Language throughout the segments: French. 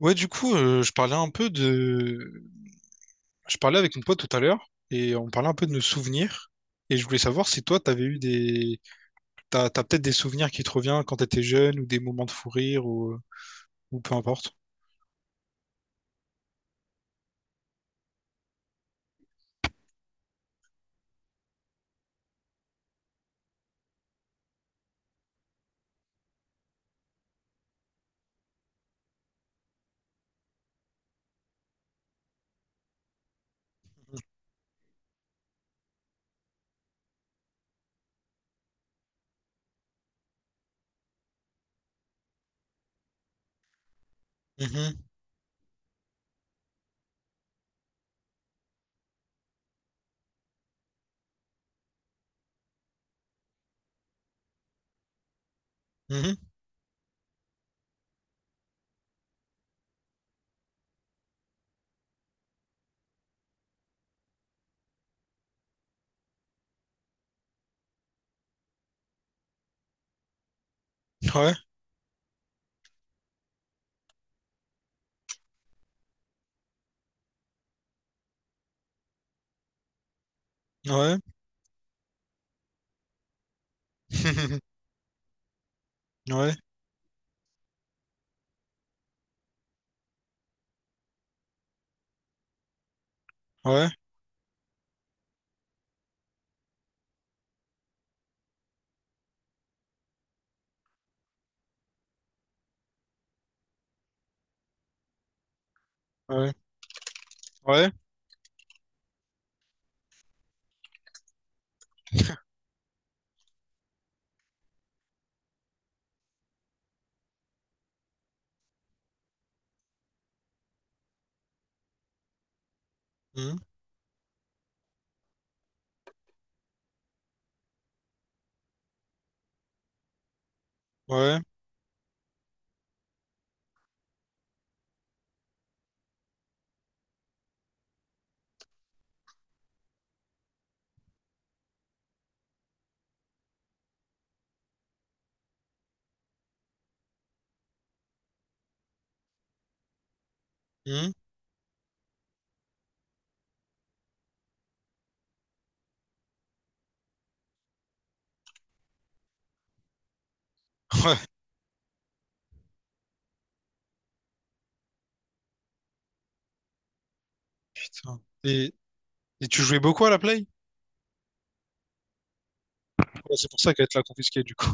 Ouais, du coup, je parlais un peu de... Je parlais avec mon pote tout à l'heure et on parlait un peu de nos souvenirs. Et je voulais savoir si toi, t'avais eu des... T'as peut-être des souvenirs qui te reviennent quand t'étais jeune ou des moments de fou rire ou peu importe. Mhm, mhm. Ouais, ouais. Ouais, ouais, ouais, ouais, mhm, ouais, mhm, ouais, putain. Et tu jouais beaucoup à la Play? Ouais, c'est pour ça qu'elle te l'a confisquée, du coup.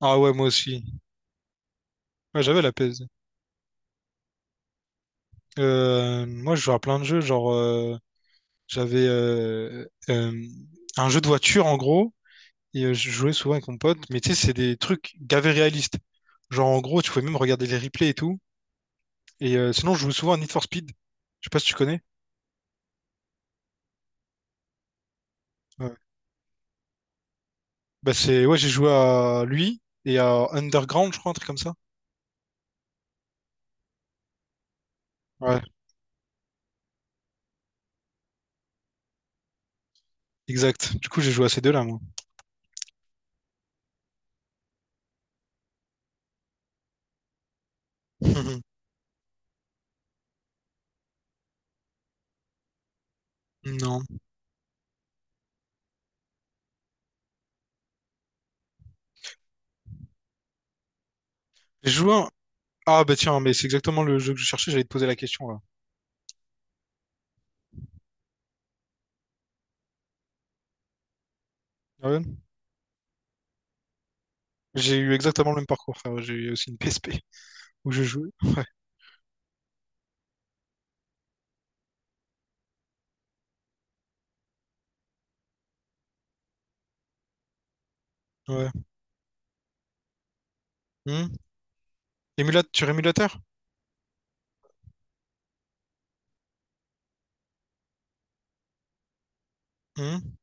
Ah ouais, moi aussi. Ouais, j'avais la PS. Moi, je jouais à plein de jeux, j'avais un jeu de voiture en gros, et je jouais souvent avec mon pote, mais tu sais, c'est des trucs gavés réalistes. Genre en gros, tu pouvais même regarder les replays et tout. Et sinon, je joue souvent à Need for Speed. Je sais pas si tu connais. Ouais. Bah c'est ouais, j'ai joué à lui et à Underground, je crois, un truc comme ça. Ouais, exact. Du coup, j'ai joué à ces deux-là, moi. Non. J'ai joué un- Ah bah tiens, mais c'est exactement le jeu que je cherchais, j'allais te poser la question là. Ah ouais, j'ai eu exactement le même parcours, frère. J'ai eu aussi une PSP où je jouais. Ouais. Ouais. Hmm. Émulate, sur émulateur? Hmm,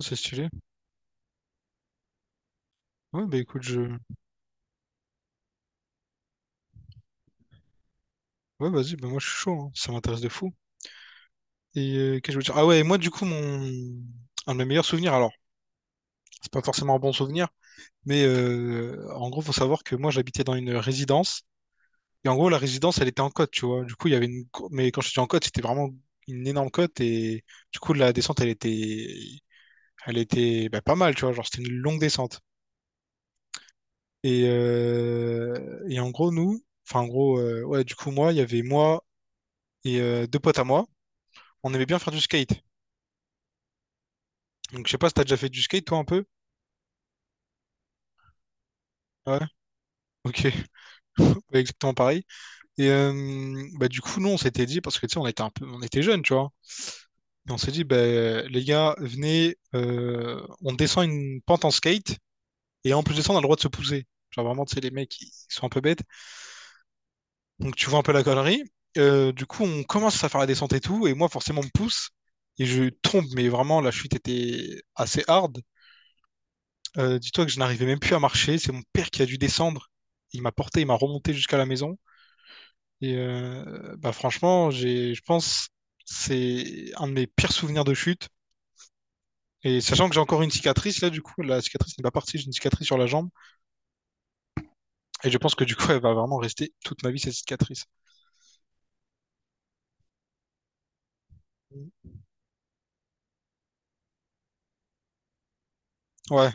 c'est stylé. Ouais, bah écoute, je. Ouais, vas-y, bah moi je suis chaud, hein. Ça m'intéresse de fou. Et qu'est-ce que je veux dire? Ah ouais, et moi du coup, mon. Un de mes meilleurs souvenirs, alors, c'est pas forcément un bon souvenir, mais en gros, faut savoir que moi j'habitais dans une résidence. Et en gros, la résidence, elle était en côte, tu vois. Du coup, il y avait mais quand je dis en côte, c'était vraiment une énorme côte. Et du coup, la descente, elle était. Elle était bah, pas mal, tu vois. Genre, c'était une longue descente. Et en gros, nous. Enfin, en gros, ouais, du coup, moi, il y avait moi et deux potes à moi. On aimait bien faire du skate. Donc, je sais pas si t'as déjà fait du skate, toi, un peu? Ouais. Ok. Exactement pareil. Et bah, du coup, nous, on s'était dit, parce que tu sais, on était un peu, on était jeunes, tu vois. Et on s'est dit, bah, les gars, venez, on descend une pente en skate. Et en plus de ça, on a le droit de se pousser. Genre vraiment, tu sais, les mecs, ils sont un peu bêtes. Donc, tu vois un peu la connerie. Du coup, on commence à faire la descente et tout. Et moi, forcément, on me pousse. Et je tombe, mais vraiment, la chute était assez hard. Dis-toi que je n'arrivais même plus à marcher. C'est mon père qui a dû descendre. Il m'a porté, il m'a remonté jusqu'à la maison. Et bah franchement, j'ai, je pense, c'est un de mes pires souvenirs de chute. Et sachant que j'ai encore une cicatrice, là, du coup, la cicatrice n'est pas partie, j'ai une cicatrice sur la jambe. Et je pense que du coup, elle va vraiment rester toute ma vie, cette cicatrice. Ouais,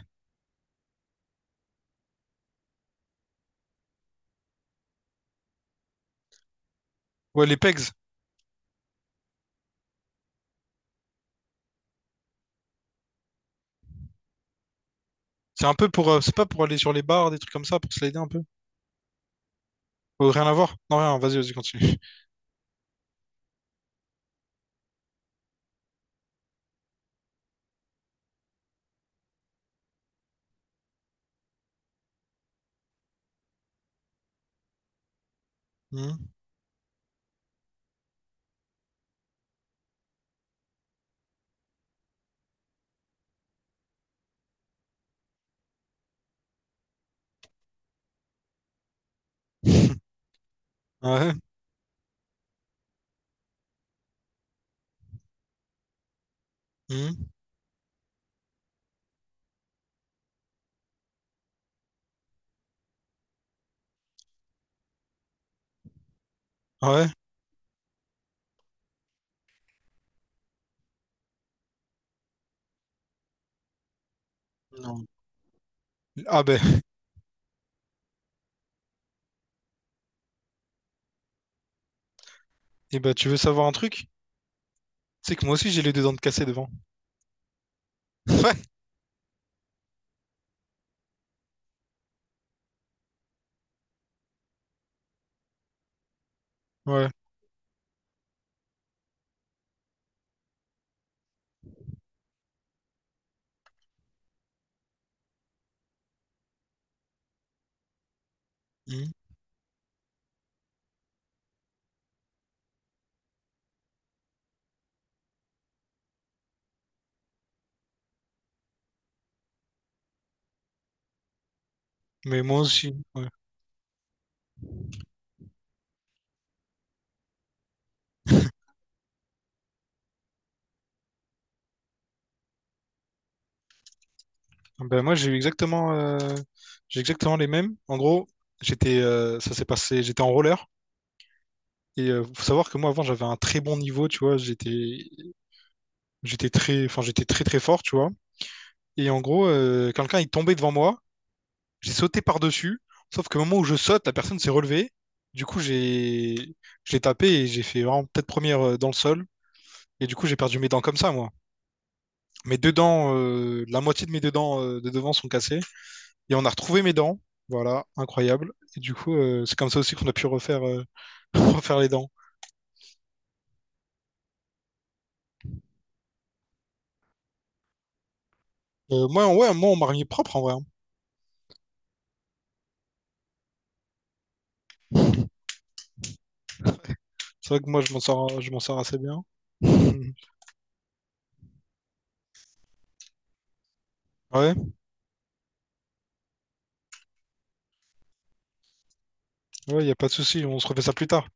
ouais, les pegs. C'est un peu pour, c'est pas pour aller sur les barres, des trucs comme ça, pour se l'aider un peu. Oh, rien à voir? Non, rien, vas-y, vas-y, continue. Hmm. Ouais. Hmm, ouais. Non. Ah ben, et ben, tu veux savoir un truc? C'est que moi aussi, j'ai les deux dents de cassé devant. Ouais. Ouais. Hmm. Mais moi aussi, ouais. Ah ben, moi, j'ai eu exactement, j'ai exactement les mêmes. En gros, j'étais, ça s'est passé, j'étais en roller. Et faut savoir que moi avant j'avais un très bon niveau, tu vois, j'étais très enfin j'étais très très fort, tu vois. Et en gros, quelqu'un est tombé devant moi, j'ai sauté par-dessus, sauf qu'au moment où je saute, la personne s'est relevée. Du coup, j'ai je l'ai tapé et j'ai fait vraiment tête première dans le sol et du coup, j'ai perdu mes dents comme ça moi. Mes deux dents la moitié de mes deux dents de devant sont cassées et on a retrouvé mes dents. Voilà, incroyable. Et du coup, c'est comme ça aussi qu'on a pu refaire refaire les dents. Moi, ouais, moi on m'a remis propre en vrai, hein. C'est vrai que moi, je m'en sors assez bien. Ouais, ouais, y a pas de souci, on se refait ça plus tard.